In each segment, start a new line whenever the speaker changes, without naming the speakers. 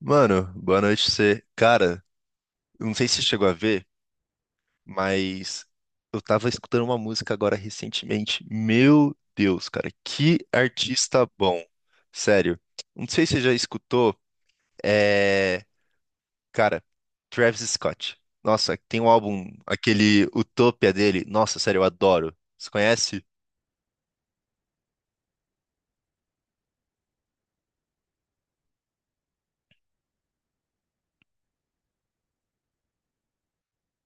Mano, boa noite pra você. Cara, eu não sei se você chegou a ver, mas eu tava escutando uma música agora recentemente. Meu Deus, cara, que artista bom. Sério. Não sei se você já escutou, é... cara, Travis Scott. Nossa, tem um álbum, aquele Utopia dele. Nossa, sério, eu adoro. Você conhece?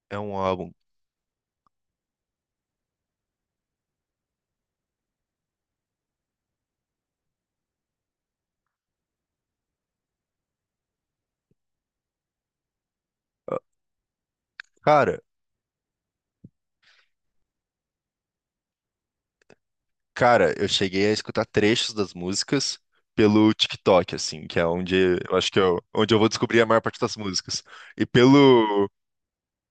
É um álbum. Cara, Cara, eu cheguei a escutar trechos das músicas pelo TikTok, assim, que é onde eu acho que eu, onde eu vou descobrir a maior parte das músicas. E pelo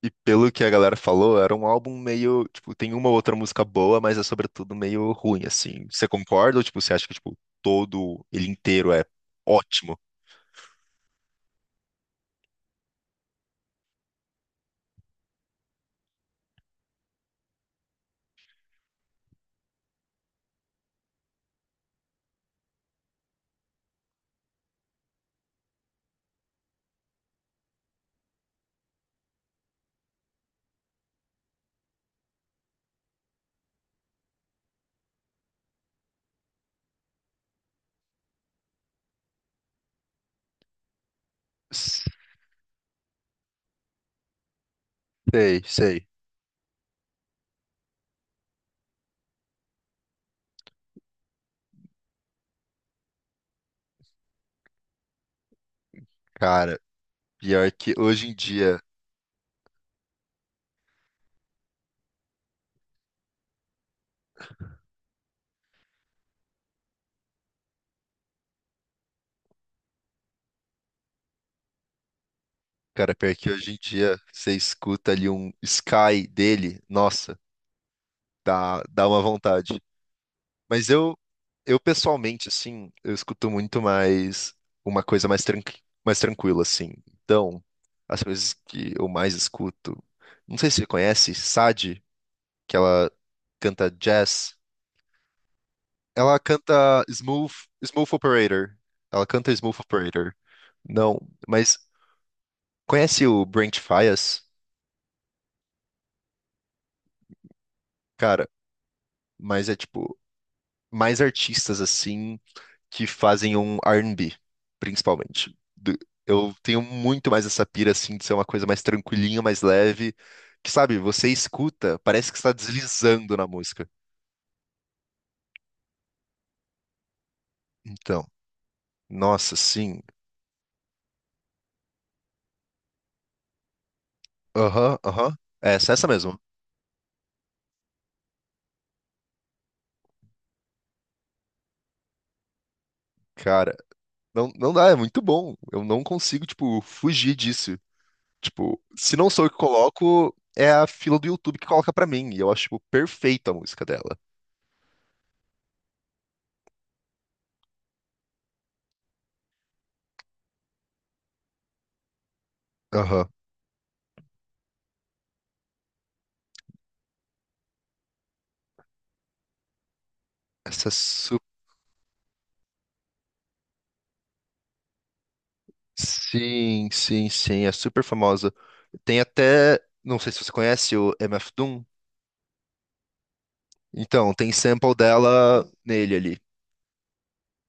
e pelo que a galera falou, era um álbum meio, tipo, tem uma ou outra música boa, mas é sobretudo meio ruim, assim. Você concorda ou tipo, você acha que tipo todo ele inteiro é ótimo? Sei, sei. Cara, pior que hoje em dia, cara, pior que hoje em dia você escuta ali um Sky dele, nossa, dá uma vontade. Mas eu pessoalmente, assim, eu escuto muito mais uma coisa mais, tranqui mais tranquila, assim. Então, as coisas que eu mais escuto, não sei se você conhece, Sade, que ela canta jazz. Ela canta Smooth, Smooth Operator. Ela canta Smooth Operator. Não, mas conhece o Brent Faiyaz? Cara, mas é tipo, mais artistas assim que fazem um R e b, principalmente. Do- Eu tenho muito mais essa pira assim de ser uma coisa mais tranquilinha, mais leve, que sabe, você escuta, parece que está deslizando na música. Então, nossa, sim. Aham, aham. Essa mesmo. Cara, não, não dá, é muito bom. Eu não consigo, tipo, fugir disso. Tipo, se não sou eu que coloco, é a fila do YouTube que coloca pra mim. E eu acho, tipo, perfeita a música dela. Aham. Essa é su... Sim, sim, sim, é super famosa. Tem até. Não sei se você conhece o MF Doom. Então, tem sample dela nele ali.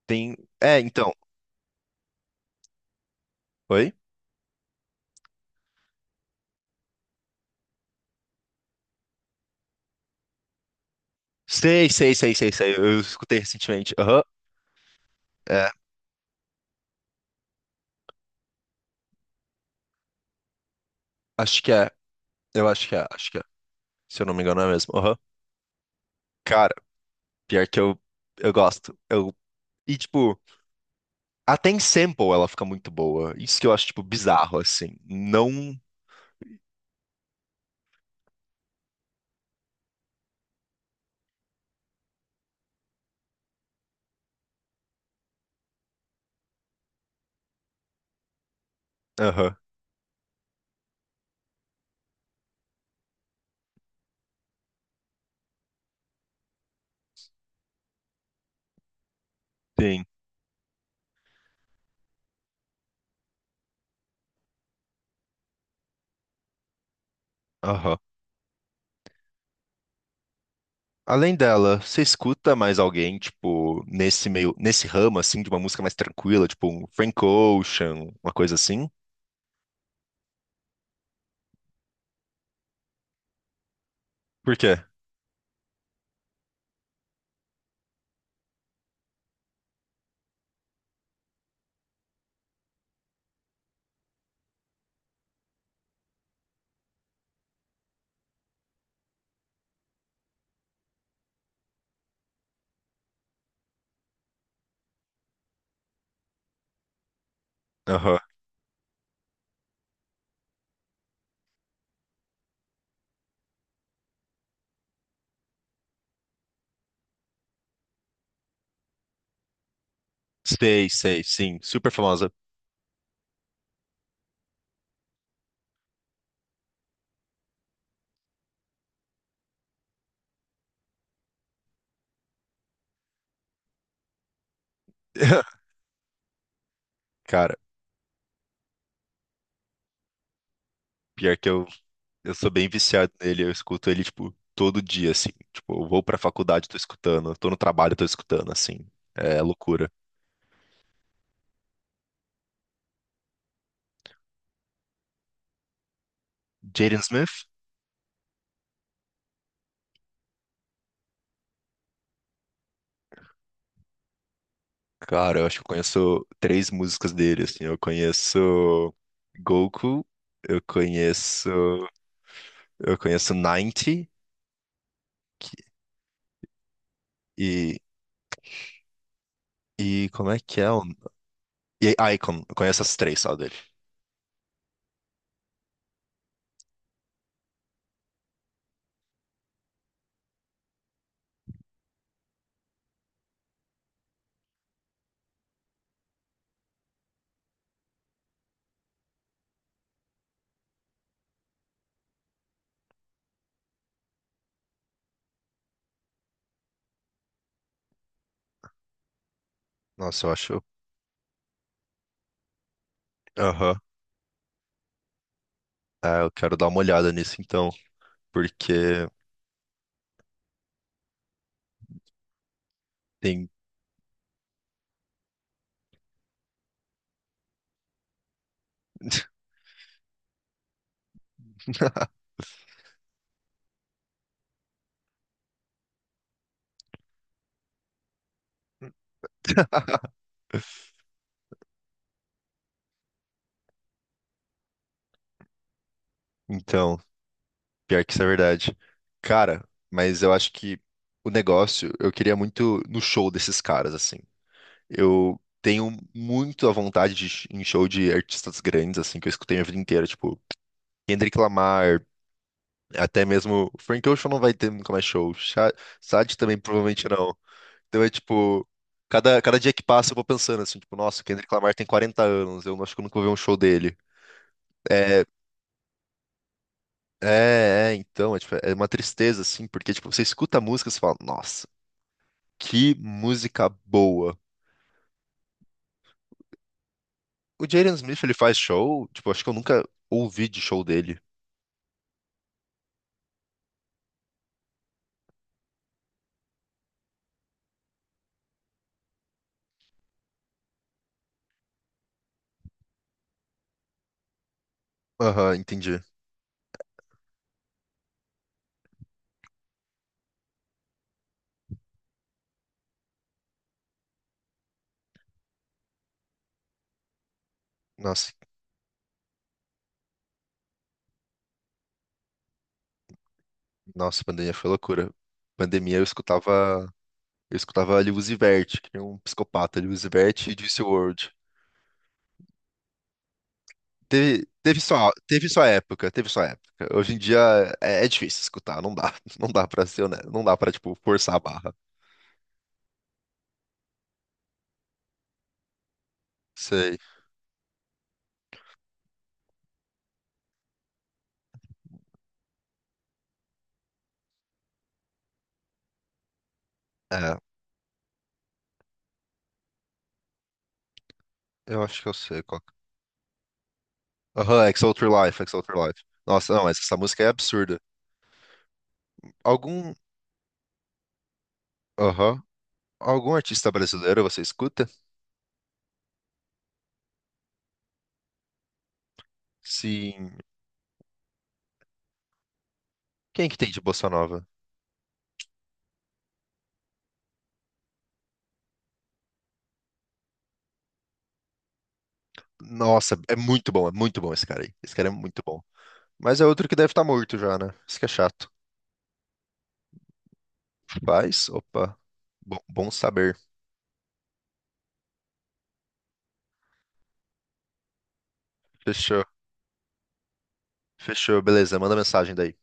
Tem. É, então. Oi? Sei, sei, sei, sei, sei. Eu escutei recentemente. Aham. É, acho que é. Eu acho que é, acho que é. Se eu não me engano, é mesmo. Aham. Cara, pior que eu gosto. Tipo, até em sample ela fica muito boa. Isso que eu acho, tipo, bizarro, assim. Não. Aham. Sim. Aham. Além dela, você escuta mais alguém, tipo, nesse meio, nesse ramo, assim, de uma música mais tranquila, tipo um Frank Ocean, uma coisa assim? Por quê? Aham. Sei, sei, sim. Super famosa. Cara, pior que eu sou bem viciado nele, eu escuto ele, tipo, todo dia, assim. Tipo, eu vou pra faculdade, tô escutando, eu tô no trabalho, tô escutando, assim. É loucura. Jaden Smith? Cara, eu acho que eu conheço três músicas dele, assim. Eu conheço Goku, eu conheço, eu conheço 90 que- e, como é que é? E Icon, eu conheço as três só dele. Nossa, eu acho. Aham. Ah, eu quero dar uma olhada nisso então, porque tem. Então, pior que isso é verdade. Cara, mas eu acho que o negócio, eu queria muito no show desses caras, assim. Eu tenho muito a vontade de ir em show de artistas grandes, assim, que eu escutei a vida inteira, tipo, Kendrick Lamar, até mesmo o Frank Ocean não vai ter nunca mais show. Sade também provavelmente não. Então é tipo, cada dia que passa eu vou pensando assim, tipo, nossa, o Kendrick Lamar tem 40 anos, eu não acho que eu nunca vou ver um show dele. É, tipo, é uma tristeza assim, porque tipo, você escuta a música e você fala, nossa, que música boa. O Jaden Smith, ele faz show, tipo, acho que eu nunca ouvi de show dele. Aham, entendi. Nossa, nossa, pandemia foi loucura. Pandemia eu escutava Eu escutava Lewis e Vert, que é um psicopata, Lewis e Vert e Discworld. Teve sua época. Hoje em dia é difícil escutar, não dá, não dá pra ser, né? Não dá pra, tipo, forçar a barra. Sei. É, eu acho que eu sei qual. Aham, It's Outro Life, ex Outro Life. Nossa, não, mas essa música é absurda. Algum, aham, algum artista brasileiro você escuta? Sim. Quem que tem de bossa nova? Nossa, é muito bom esse cara aí. Esse cara é muito bom. Mas é outro que deve estar morto já, né? Isso que é chato. Faz? Opa. Bom, bom saber. Fechou. Fechou, beleza. Manda mensagem daí.